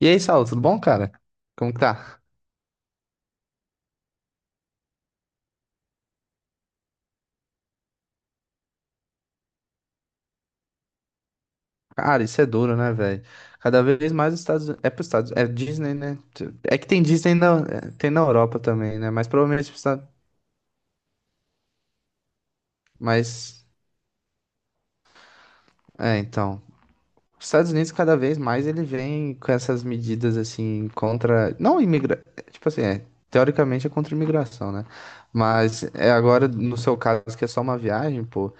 E aí, Saulo, tudo bom, cara? Como que tá? Cara, isso é duro, né, velho? Cada vez mais os Estados Unidos. É pros Estados. É Disney, né? É que tem Disney na, tem na Europa também, né? Mas provavelmente. Mas. É, então. Os Estados Unidos, cada vez mais, ele vem com essas medidas, assim, contra. Não imigra... Tipo assim, é. Teoricamente é contra a imigração, né? Mas é agora, no seu caso, que é só uma viagem, pô.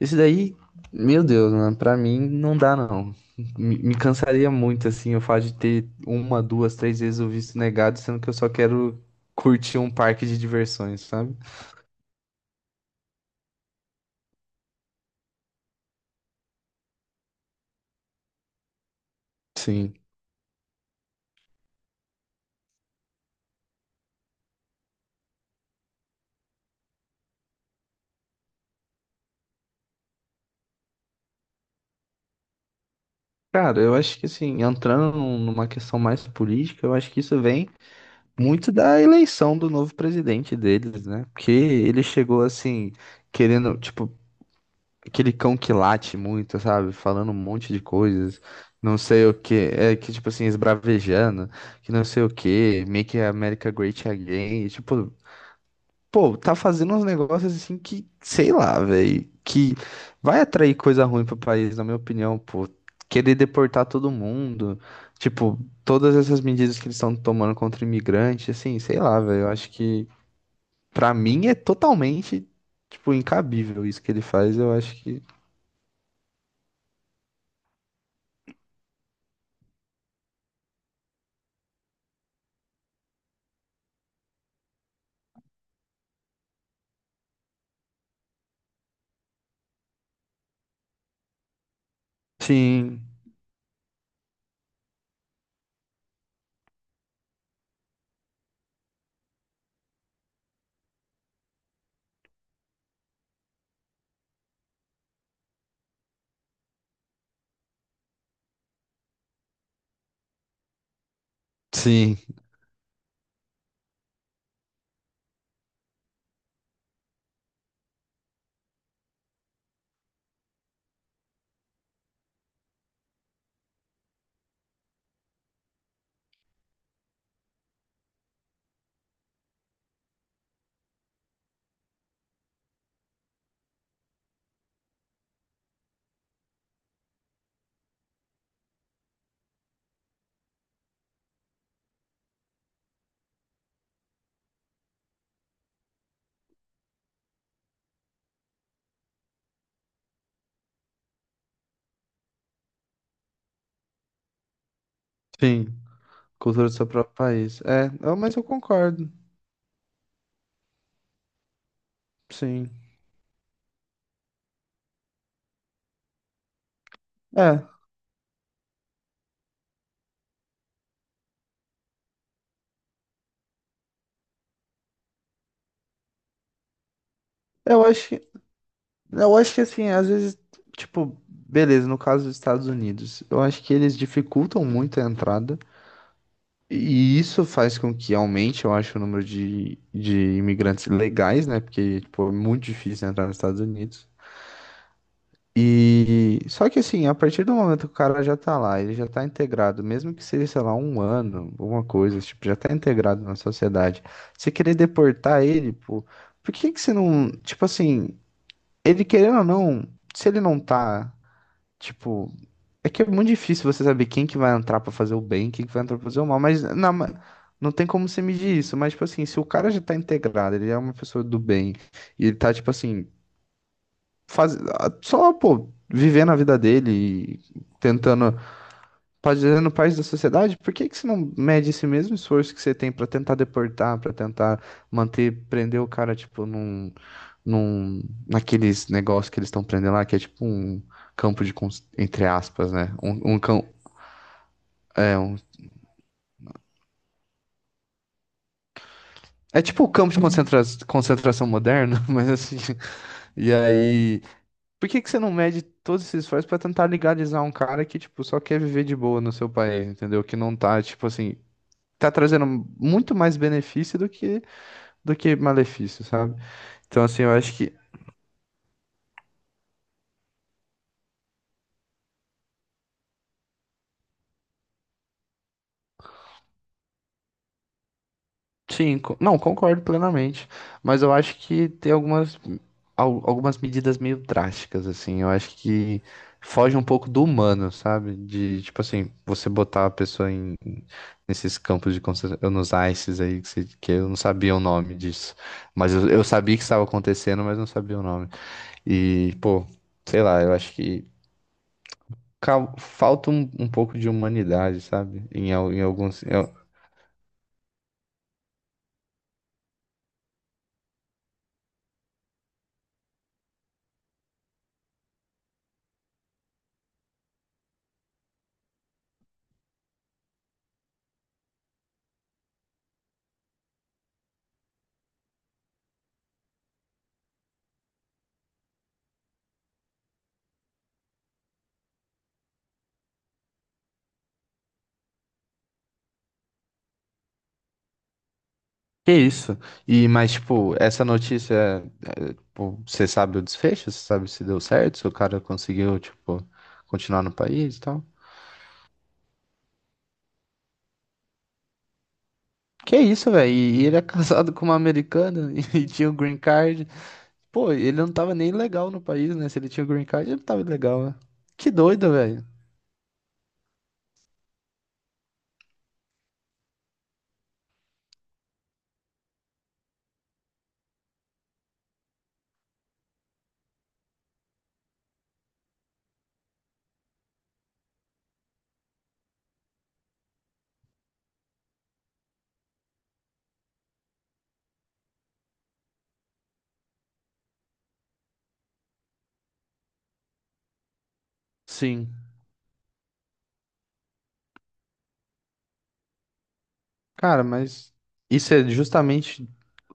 Esse daí, meu Deus, mano, pra mim não dá não. Me cansaria muito, assim, o fato de ter uma, duas, três vezes o visto negado, sendo que eu só quero curtir um parque de diversões, sabe? Sim. Cara, eu acho que, assim, entrando numa questão mais política, eu acho que isso vem muito da eleição do novo presidente deles, né? Porque ele chegou, assim, querendo, tipo, aquele cão que late muito, sabe? Falando um monte de coisas, não sei o que, é que tipo assim, esbravejando, que não sei o que, Make America Great Again, e, tipo, pô, tá fazendo uns negócios assim que, sei lá, velho, que vai atrair coisa ruim pro país, na minha opinião, pô. Querer deportar todo mundo, tipo, todas essas medidas que eles estão tomando contra imigrante, assim, sei lá, velho, eu acho que pra mim é totalmente, tipo, incabível isso que ele faz, eu acho que. Sim. Sim, sim. Cultura do seu próprio país. É, mas eu concordo, sim. É, eu acho que, eu acho que assim, às vezes, tipo, beleza, no caso dos Estados Unidos, eu acho que eles dificultam muito a entrada, e isso faz com que aumente, eu acho, o número de imigrantes legais, né? Porque, tipo, é muito difícil entrar nos Estados Unidos. E só que assim, a partir do momento que o cara já tá lá, ele já tá integrado, mesmo que seja, sei lá, um ano, alguma coisa, tipo, já tá integrado na sociedade. Você querer deportar ele, pô, por que que você não, tipo assim, ele querendo ou não, se ele não tá, tipo, é que é muito difícil você saber quem que vai entrar pra fazer o bem, quem que vai entrar pra fazer o mal, mas não tem como você medir isso, mas tipo assim, se o cara já tá integrado, ele é uma pessoa do bem, e ele tá tipo assim, faz, ah, só, pô, vivendo a vida dele e tentando, fazendo parte da sociedade, por que que você não mede esse mesmo esforço que você tem pra tentar deportar, pra tentar manter, prender o cara, tipo, num, num, naqueles negócios que eles estão prendendo lá, que é tipo um campo de, entre aspas, né? Um cão, é um, é tipo o campo de concentração moderno, mas assim, e aí. Por que que você não mede todos esses esforços pra tentar legalizar um cara que, tipo, só quer viver de boa no seu país, entendeu? Que não tá, tipo assim, tá trazendo muito mais benefício do que malefício, sabe? Então, assim, eu acho que. Sim, não, concordo plenamente, mas eu acho que tem algumas, algumas medidas meio drásticas, assim, eu acho que foge um pouco do humano, sabe? De, tipo assim, você botar a pessoa em, nesses campos de concentração, nos ICES aí, que, que eu não sabia o nome disso, mas eu sabia que estava acontecendo, mas não sabia o nome, e, pô, sei lá, eu acho que falta um, um pouco de humanidade, sabe? Em, em alguns... Que isso? E, mas, tipo, essa notícia, é, tipo, você sabe o desfecho? Você sabe se deu certo? Se o cara conseguiu, tipo, continuar no país e tal? Que isso, velho? E ele é casado com uma americana e tinha o green card. Pô, ele não tava nem legal no país, né? Se ele tinha o green card, ele tava legal, né? Que doido, velho. Sim. Cara, mas isso é justamente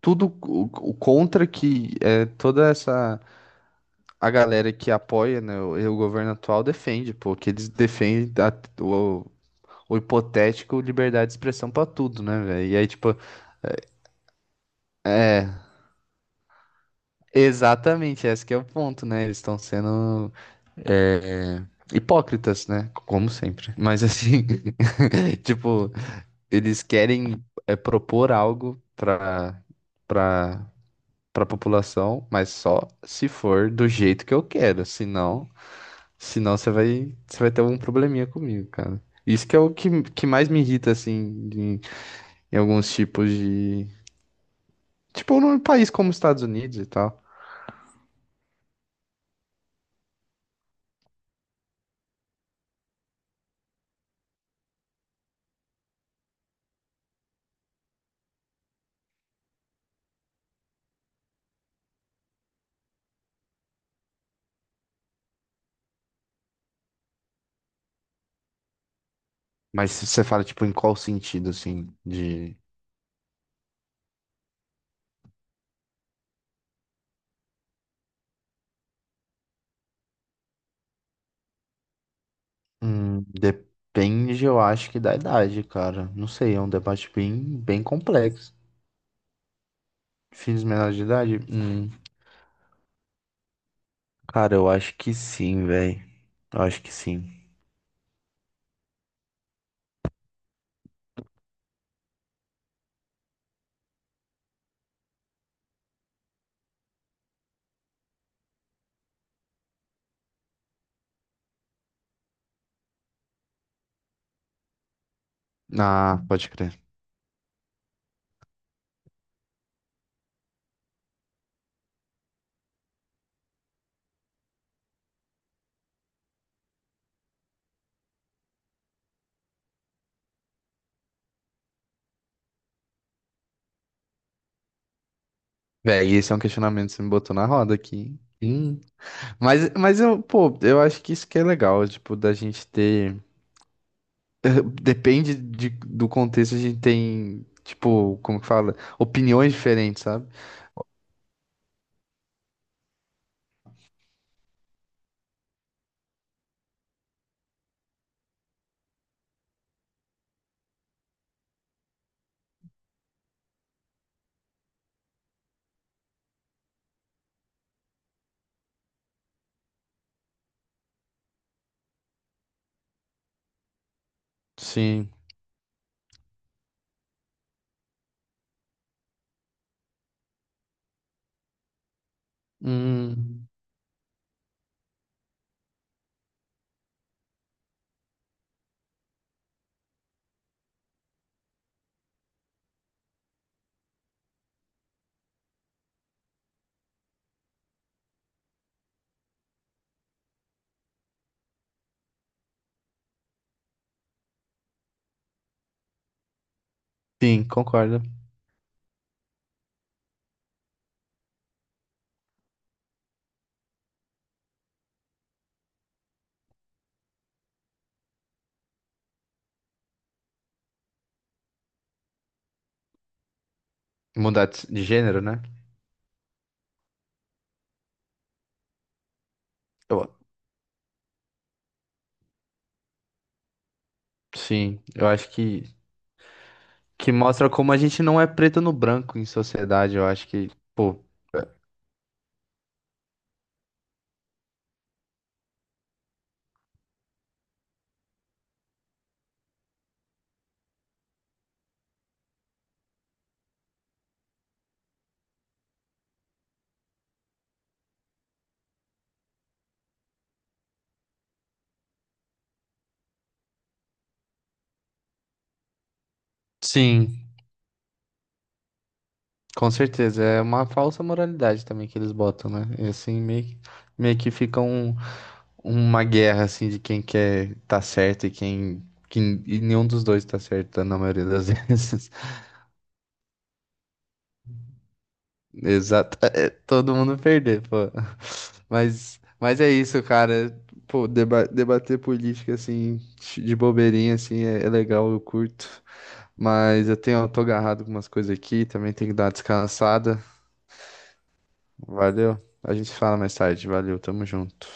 tudo o contra que é toda essa. A galera que apoia, né, o governo atual defende, pô, que eles defendem o hipotético liberdade de expressão pra tudo, né, velho? E aí, tipo, é, exatamente, esse que é o ponto, né? Eles estão sendo hipócritas, né? Como sempre. Mas assim, tipo, eles querem é, propor algo pra, pra população, mas só se for do jeito que eu quero, senão. Senão você vai ter algum probleminha comigo, cara. Isso que é o que, que mais me irrita, assim, em, em alguns tipos de. Tipo, num país como os Estados Unidos e tal. Mas se você fala, tipo, em qual sentido, assim, de. Depende, eu acho que da idade, cara. Não sei, é um debate bem, bem complexo. Filhos menores de idade? Cara, eu acho que sim, velho. Eu acho que sim. Ah, pode crer. Véi, esse é um questionamento que você me botou na roda aqui, hein? Mas eu, pô, eu acho que isso que é legal, tipo, da gente ter. Depende de, do contexto, a gente tem, tipo, como que fala? Opiniões diferentes, sabe? Sim. Hum, sim, concordo. Mudar de gênero, né? Eu, sim, eu acho que, mostra como a gente não é preto no branco em sociedade, eu acho que, pô. Sim, com certeza. É uma falsa moralidade também que eles botam, né? E assim, meio que ficam. Uma guerra assim de quem quer tá certo e quem e nenhum dos dois tá certo na maioria das vezes. Exato, é, todo mundo perder, pô. Mas é isso, cara. Pô, debater política assim de bobeirinha assim é, é legal, eu curto. Mas eu tô agarrado com umas coisas aqui, também tenho que dar uma descansada. Valeu. A gente fala mais tarde. Valeu, tamo junto.